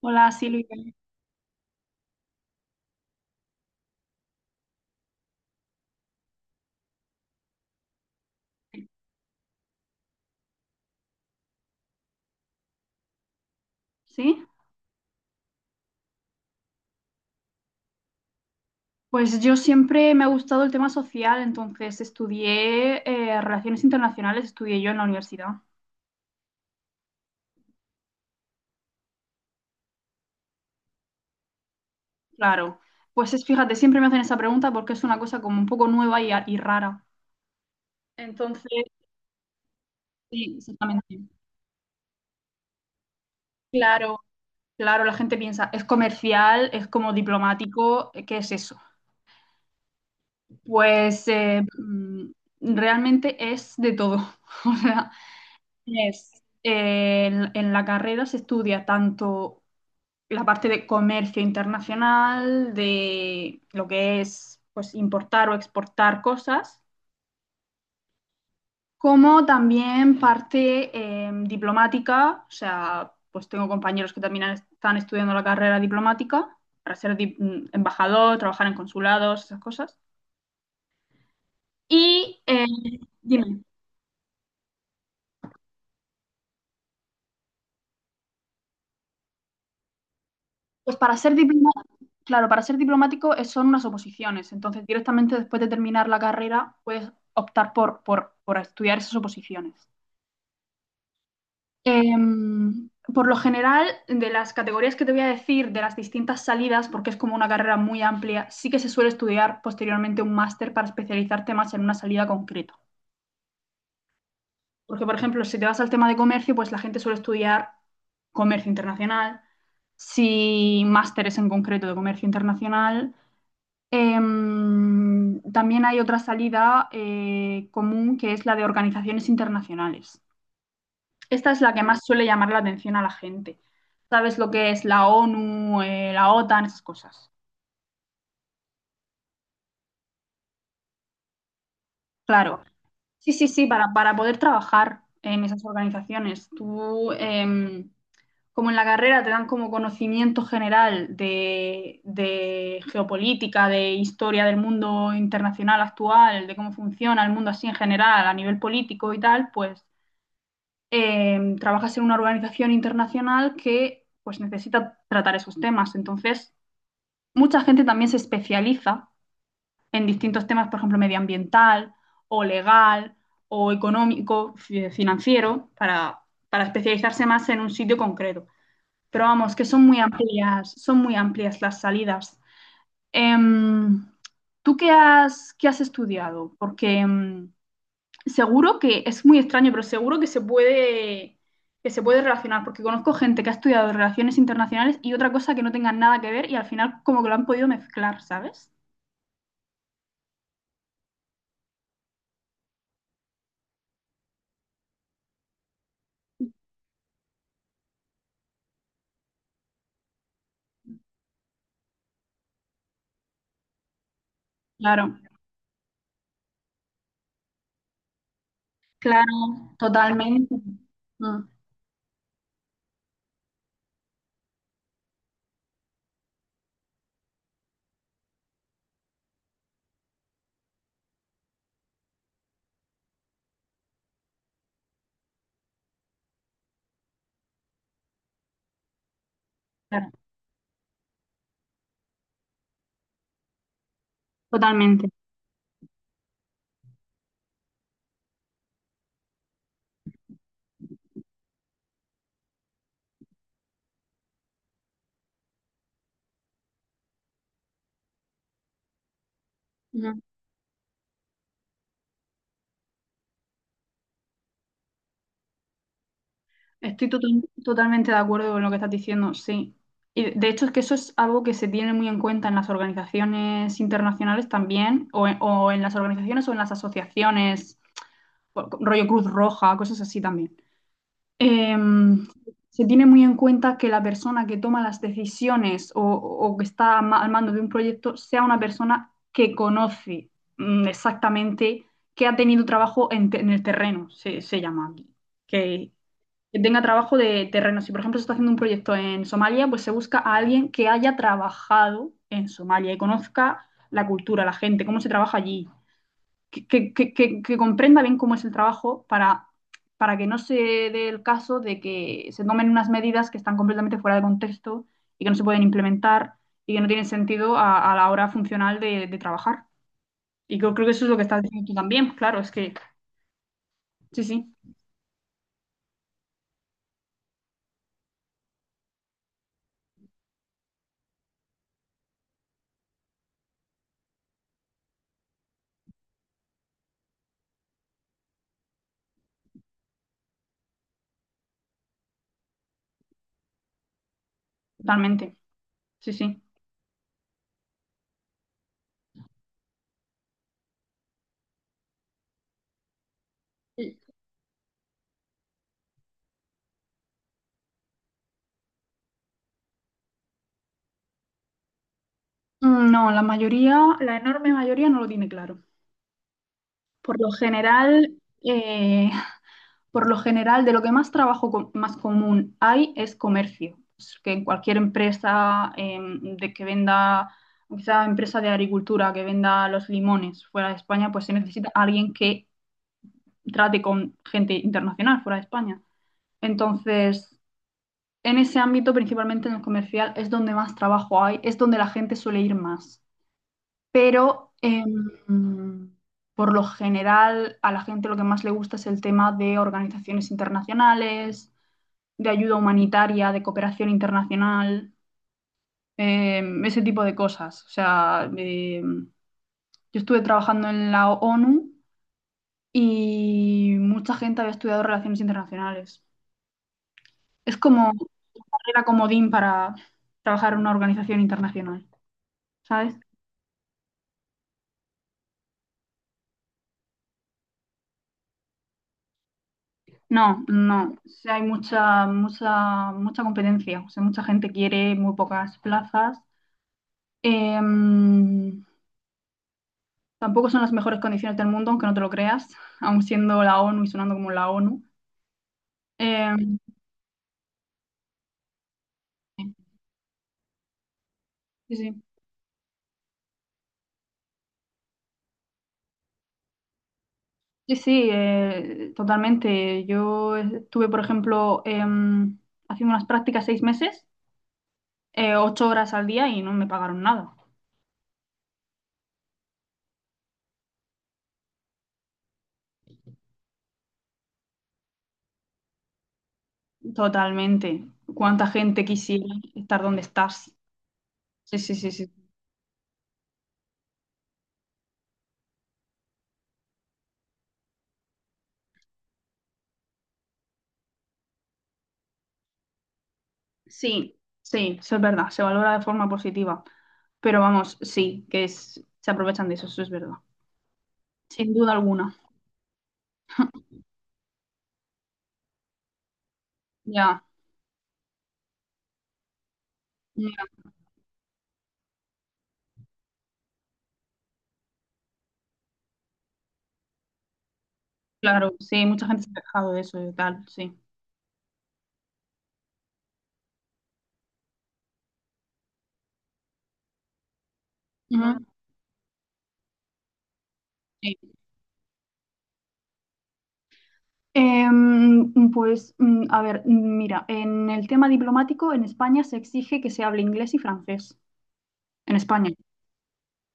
Hola Silvia. ¿Sí? Pues yo siempre me ha gustado el tema social, entonces estudié relaciones internacionales, estudié yo en la universidad. Claro. Pues es, fíjate, siempre me hacen esa pregunta porque es una cosa como un poco nueva y rara. Entonces, sí, exactamente. Claro, claro, la gente piensa, es comercial, es como diplomático, ¿qué es eso? Pues realmente es de todo. O sea, es, en la carrera se estudia tanto. La parte de comercio internacional, de lo que es pues, importar o exportar cosas, como también parte diplomática, o sea, pues tengo compañeros que también están estudiando la carrera diplomática para ser embajador, trabajar en consulados, esas cosas. Y, dime, pues para ser diplomático, claro, para ser diplomático son unas oposiciones, entonces directamente después de terminar la carrera puedes optar por estudiar esas oposiciones. Por lo general, de las categorías que te voy a decir, de las distintas salidas, porque es como una carrera muy amplia, sí que se suele estudiar posteriormente un máster para especializarte más en una salida concreta. Porque, por ejemplo, si te vas al tema de comercio, pues la gente suele estudiar comercio internacional, si másteres en concreto de comercio internacional. También hay otra salida común que es la de organizaciones internacionales. Esta es la que más suele llamar la atención a la gente. ¿Sabes lo que es la ONU, la OTAN, esas cosas? Claro. Sí, sí, sí, para poder trabajar en esas organizaciones. Tú, como en la carrera, te dan como conocimiento general de, geopolítica, de historia del mundo internacional actual, de cómo funciona el mundo así en general, a nivel político y tal, pues trabajas en una organización internacional que pues necesita tratar esos temas. Entonces, mucha gente también se especializa en distintos temas, por ejemplo, medioambiental o legal o económico, financiero, para especializarse más en un sitio concreto. Pero vamos, que son muy amplias las salidas. Em, ¿Tú qué has estudiado? Porque seguro que es muy extraño, pero seguro que se puede relacionar, porque conozco gente que ha estudiado relaciones internacionales y otra cosa que no tengan nada que ver y al final como que lo han podido mezclar, ¿sabes? Claro, claro, totalmente. Mm, claro, totalmente. Ujú. Estoy totalmente de acuerdo con lo que estás diciendo, sí. Y de hecho es que eso es algo que se tiene muy en cuenta en las organizaciones internacionales también, o en las organizaciones o en las asociaciones, o- rollo Cruz Roja, cosas así también. em, se tiene muy en cuenta que la persona que toma las decisiones o que está al mando de un proyecto sea una persona que conoce exactamente, que ha tenido trabajo en el terreno, se llama aquí. Que, que tenga trabajo de terreno. Si, por ejemplo, se está haciendo un proyecto en Somalia, pues se busca a alguien que haya trabajado en Somalia y conozca la cultura, la gente, cómo se trabaja allí, comprenda bien cómo es el trabajo para, que no se dé el caso de que se tomen unas medidas que están completamente fuera de contexto y que no se pueden implementar y que no tienen sentido a, la hora funcional de trabajar. Y creo, creo que eso es lo que estás diciendo tú también, claro, es que sí, sí, totalmente, sí, sí. Y- No, la mayoría, la enorme mayoría no lo tiene claro. Por lo general, eh, Por lo general, de lo que más trabajo más común hay es comercio. Es que en cualquier empresa de que venda, quizá empresa de agricultura que venda los limones fuera de España, pues se necesita alguien que trate con gente internacional fuera de España. Entonces, en ese ámbito, principalmente en el comercial, es donde más trabajo hay, es donde la gente suele ir más. Pero por lo general, a la gente lo que más le gusta es el tema de organizaciones internacionales de ayuda humanitaria, de cooperación internacional, ese tipo de cosas. O sea, yo estuve trabajando en la ONU y mucha gente había estudiado relaciones internacionales. Es como carrera comodín para trabajar en una organización internacional, ¿sabes? No, no, o sea, hay mucha, mucha, mucha competencia, o sea, mucha gente quiere, muy pocas plazas. Em, tampoco son las mejores condiciones del mundo, aunque no te lo creas, aun siendo la ONU y sonando como la ONU. Eh, sí, sí, sí, sí, totalmente. Yo estuve, por ejemplo, haciendo unas prácticas 6 meses, 8 horas al día y no me pagaron nada. Totalmente. ¿Cuánta gente quisiera estar donde estás? Sí, sí, sí, sí. Sí, sí, eso es verdad, se valora de forma positiva. Pero vamos, sí, que es, se aprovechan de eso, eso es verdad. Sin duda alguna. Ya, ya, claro, sí, mucha gente se ha quejado de eso y tal, sí. Ujú, sí. Pues, a ver, mira, en el tema diplomático en España se exige que se hable inglés y francés. En España,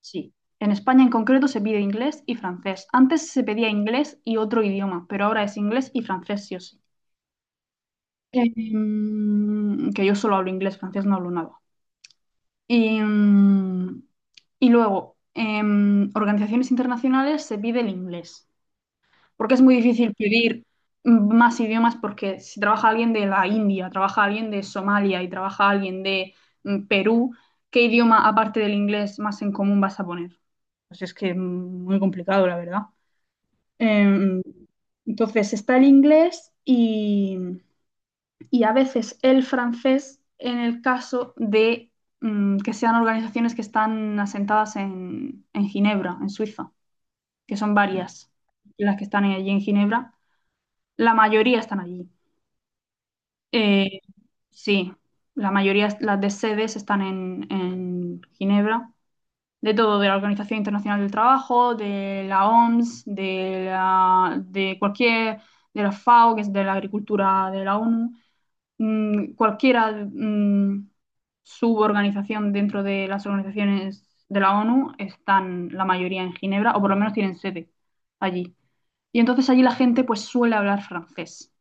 sí. En España en concreto se pide inglés y francés. Antes se pedía inglés y otro idioma, pero ahora es inglés y francés, sí o sí. Que yo solo hablo inglés, francés no hablo nada. Y, mm, y luego, en organizaciones internacionales se pide el inglés. Porque es muy difícil pedir más idiomas porque si trabaja alguien de la India, trabaja alguien de Somalia y trabaja alguien de Perú, ¿qué idioma aparte del inglés más en común vas a poner? Pues es que muy complicado, la verdad. Em, entonces está el inglés y a veces el francés en el caso de que sean organizaciones que están asentadas en Ginebra, en Suiza, que son varias las que están allí en Ginebra, la mayoría están allí. Eh, sí, la mayoría, las de sedes están en Ginebra. De todo, de la Organización Internacional del Trabajo, de la OMS, de, la, de cualquier, de la FAO, que es de la Agricultura de la ONU, cualquiera suborganización dentro de las organizaciones de la ONU están la mayoría en Ginebra, o por lo menos tienen sede allí. Y entonces allí la gente pues suele hablar francés.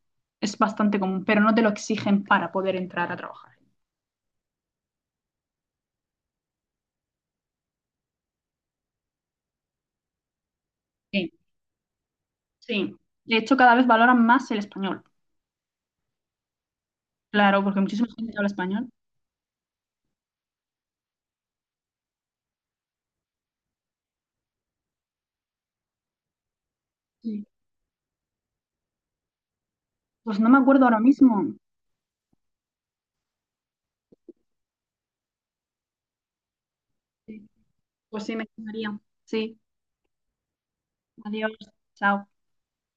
Es bastante común, pero no te lo exigen para poder entrar a trabajar. Sí, sí. De hecho, cada vez valoran más el español. Claro, porque muchísima gente habla español. Sí. Pues no me acuerdo ahora mismo. Sí. Pues sí, me gustaría. Sí. Adiós. Chao.